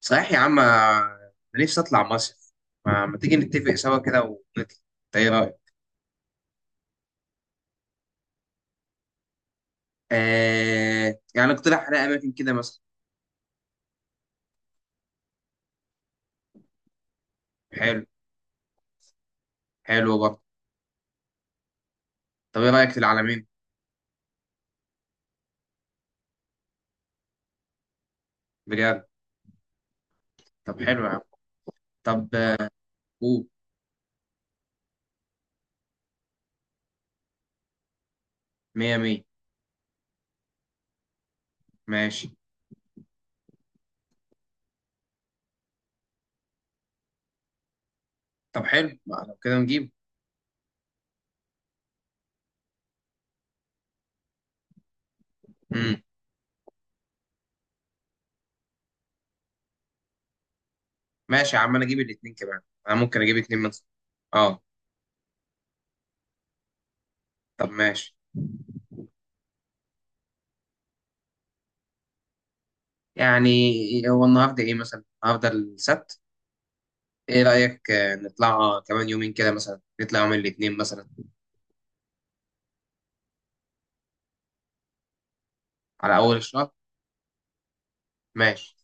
صحيح يا عم، انا نفسي اطلع مصيف. ما تيجي نتفق سوا كده ونطلع؟ إنت ايه رايك؟ آه، يعني اقترح على اماكن كده مثلا. حلو. حلو برضه. طب ايه رايك في العلمين؟ بجد؟ طب حلو يا عم. طب قول. مية مية. ماشي. طب حلو، ما لو كده نجيب. مم. ماشي يا عم، انا اجيب الاتنين كمان. انا ممكن اجيب اتنين مثلا. اه. طب ماشي. يعني هو النهارده ايه مثلا؟ النهارده السبت. ايه رايك نطلع كمان يومين كده مثلا، نطلع يوم الاثنين مثلا؟ على اول الشهر. ماشي.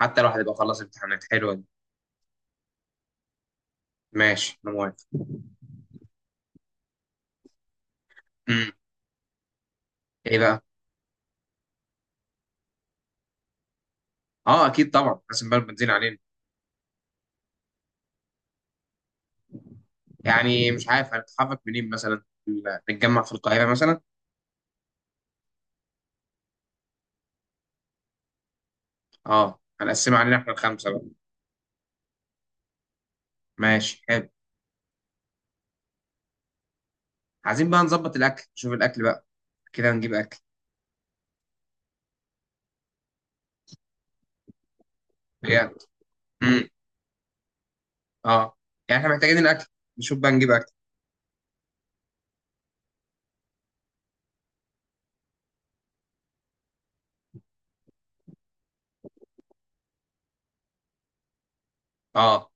حتى الواحد يبقى خلص امتحانات، حلوه دي. ماشي انا موافق. امم. ايه بقى؟ اه اكيد طبعا، حاسس بقى بنزين علينا. يعني مش عارف هنتحرك منين مثلا، نتجمع في القاهره مثلا. اه هنقسمها علينا احنا الخمسه بقى. ماشي حلو. عايزين بقى نظبط الاكل، نشوف الاكل بقى. كده هنجيب اكل. بجد. امم. اه يعني احنا محتاجين الاكل. نشوف بقى نجيب اكل. اه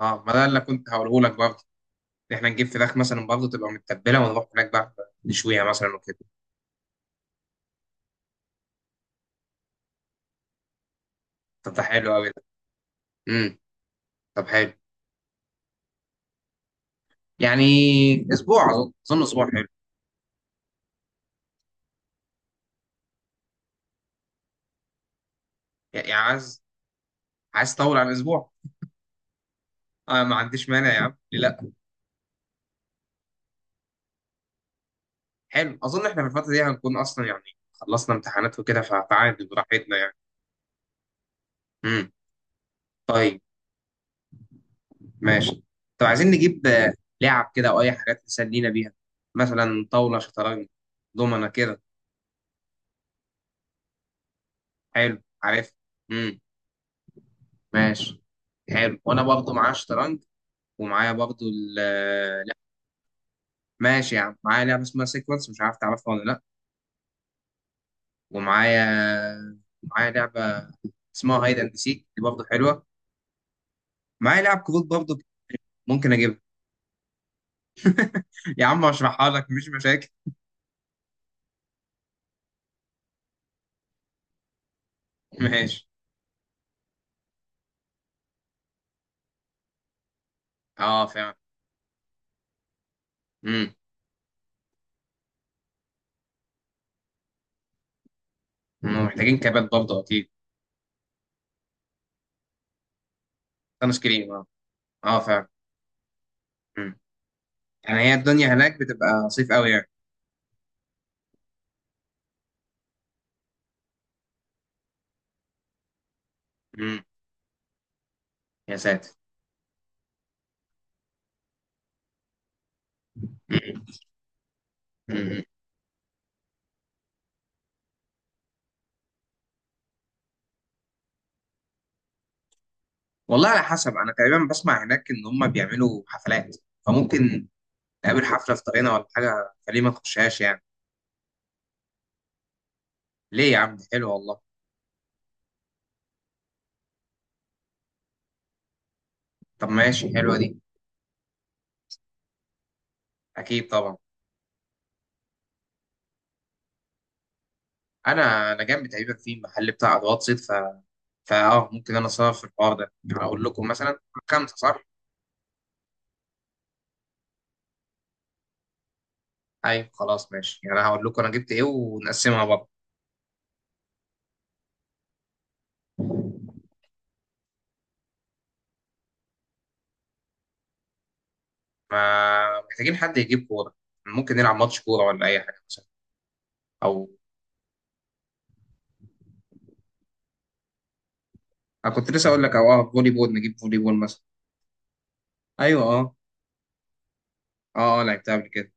اه، ما ده اللي كنت هقوله لك برضه. إن احنا نجيب فراخ مثلا برضه تبقى متبله ونروح هناك بقى. نشويها مثلا وكده. طب ده حلو قوي ده. امم. طب حلو. يعني اسبوع، اظن اسبوع حلو. يعني عايز، عايز تطول عن اسبوع. آه، ما عنديش مانع يا عم، ليه لا. حلو، اظن احنا في الفتره دي هنكون اصلا يعني خلصنا امتحانات وكده، فعادي براحتنا يعني. امم. طيب. ماشي. طب عايزين نجيب لعب كده او اي حاجات نسلينا بيها. مثلا طاوله، شطرنج، دومنه كده. حلو عارف. امم. ماشي. حلو، وانا برضه معايا شطرنج. ومعايا برضه لعبة. ماشي يا عم، معايا لعبه اسمها سيكونس، مش عارف تعرفها ولا لا. ومعايا، معايا لعبة اسمها هايد اند سيك، دي برضه حلوة. معايا لعب كروت برضه، ممكن اجيبها. يا عم اشرحها لك، مفيش مشاكل. ماشي. اه فعلا. امم. هم محتاجين كابات برضه اكيد. سان سكرين اه. اه فعلا. امم. يعني هي الدنيا هناك بتبقى صيف قوي يعني. امم. يا ساتر. مم. مم. والله على حسب، انا تقريبا بسمع هناك ان هم بيعملوا حفلات، فممكن نقابل حفلة في طريقنا ولا حاجة، فليه ما نخشهاش يعني. ليه يا عم، دي حلوة والله. طب ماشي حلوة دي. اكيد طبعا. انا جنبي تقريبا في محل بتاع ادوات صيد فاه ممكن انا اصرف في الحوار ده يعني، هقول لكم مثلا. خمسه صح. ايوه خلاص ماشي، يعني انا هقول لكم انا جبت ايه ونقسمها برضه. ما محتاجين حد يجيب كوره، ممكن نلعب ماتش كوره ولا اي حاجه مثلا. او انا كنت لسه اقول لك، او فولي بول، نجيب فولي بول مثلا. ايوه اه. اه اه لعبتها قبل كده.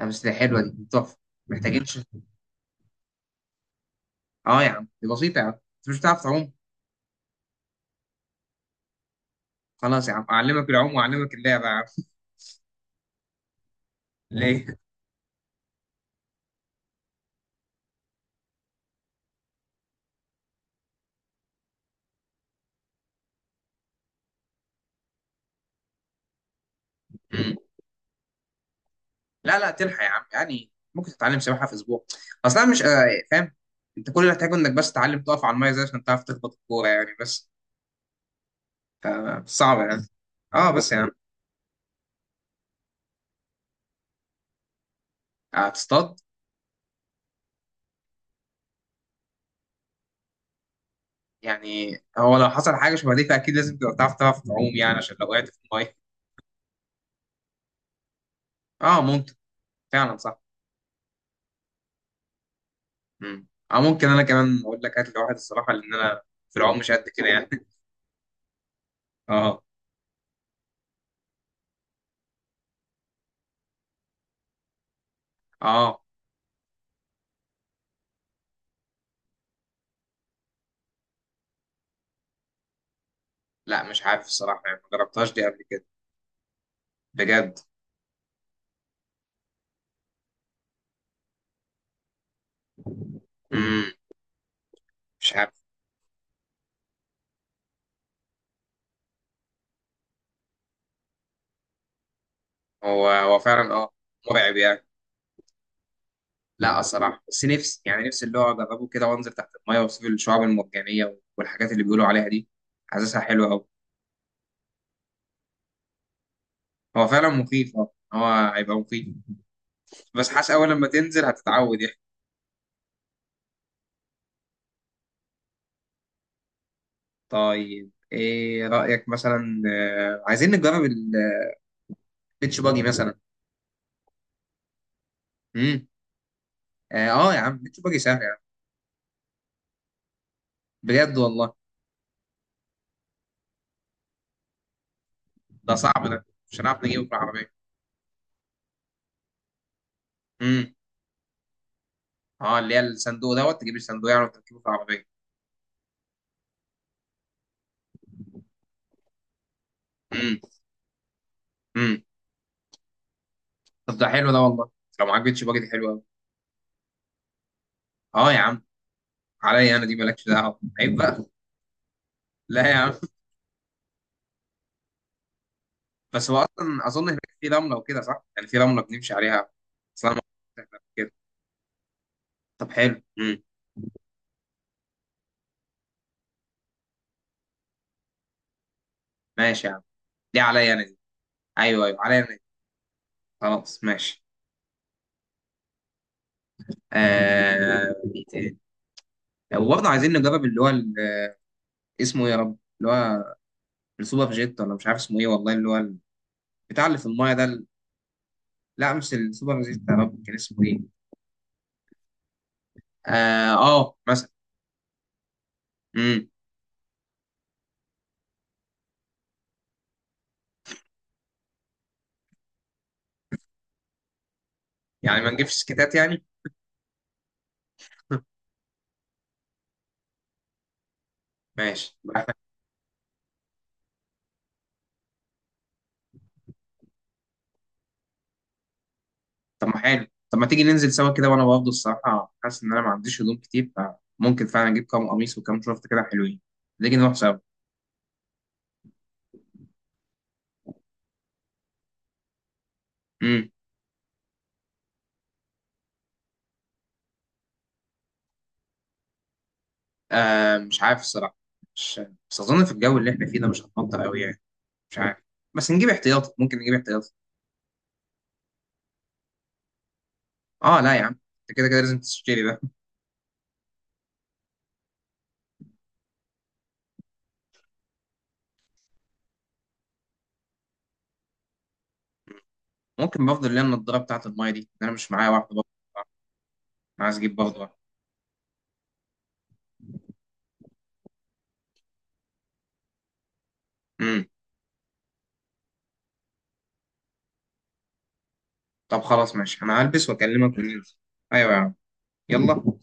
آه، بس دي حلوه، دي تحفه. محتاجين اه يا عم، دي بسيطه يا عم. انت مش بتعرف تعوم؟ خلاص يا عم اعلمك العوم واعلمك اللعبه يا عم. ليه؟ لا لا، تلحق يا عم، يعني ممكن تتعلم سباحه في اسبوع. اصلا مش فاهم. انت كل اللي هتحتاجه انك بس تتعلم تقف على الميه زي، عشان تعرف تخبط الكوره يعني بس. آه، صعب يعني. اه بس يعني. هتصطاد. يعني هو لو حصل حاجه شبه دي فاكيد لازم تبقى بتعرف، تعرف تعوم يعني، عشان لو وقعت في الميه. اه ممكن، فعلا صح. مم. اه ممكن انا كمان اقول لك هات لي واحد الصراحه، لان انا في العوم مش قد كده يعني. اه. اه لا مش عارف الصراحه، يعني ما جربتهاش دي قبل كده. بجد؟ مم. مش عارف. هو فعلا اه، مرعب يعني. لا الصراحه، بس نفسي يعني، نفسي اللي هو اجربه كده وانزل تحت المايه واشوف الشعاب المرجانيه والحاجات اللي بيقولوا عليها دي، حاسسها حلوه قوي. هو فعلا مخيف اه، هو هيبقى مخيف، بس حاسس اول لما تنزل هتتعود يعني. طيب ايه رايك مثلا عايزين نجرب البيتش باجي مثلا؟ امم. اه. آه يا عم، بيتش باجي سهل يا عم. بجد والله؟ ده صعب، ده مش هنعرف نجيبه في العربيه. امم. اه، اللي هي الصندوق دوت، تجيب الصندوق يعني وتركبه في العربيه. امم. امم. طب ده حلو ده والله، لو معاك بيتش باجي دي حلوه قوي. اه يا عم، عليا انا دي، مالكش دعوه، عيب بقى. لا يا عم. بس هو اصلا اظن هناك في رمله وكده صح؟ يعني في رمله بنمشي عليها. اصل انا ما كنتش قبل كده. طب حلو. امم. ماشي يا عم، دي عليا انا دي. ايوه ايوه، عليا انا دي. خلاص ماشي. إيه تاني؟ وبرضه عايزين نجرب اللي هو اسمه ايه يا رب، اللي هو السوبر جيت ولا مش عارف اسمه ايه والله، اللي هو بتاع اللي في المايه ده، لا مش السوبر جيت، يا رب كان اسمه ايه. مثلا. امم. يعني ما نجيبش سكتات يعني. ماشي. طب ما حلو، طب ما تيجي ننزل سوا كده، وانا برضه الصراحه حاسس ان انا ما عنديش هدوم كتير، فممكن فعلا اجيب كام قميص وكام شورت كده حلوين. نيجي نروح سوا. امم. آه مش عارف الصراحه، مش، بس اظن في الجو اللي احنا فيه ده مش هتمطر قوي يعني، مش عارف. بس نجيب احتياطي، ممكن نجيب احتياطي. اه لا يا عم، انت كده كده لازم تشتري ده. ممكن بفضل اللي هي النضاره بتاعت المايه دي، انا مش معايا واحده برضه. أنا عايز اجيب برضه واحدة. امم. طب خلاص ماشي، انا هلبس واكلمك وننزل. ايوه يا عم. يلا.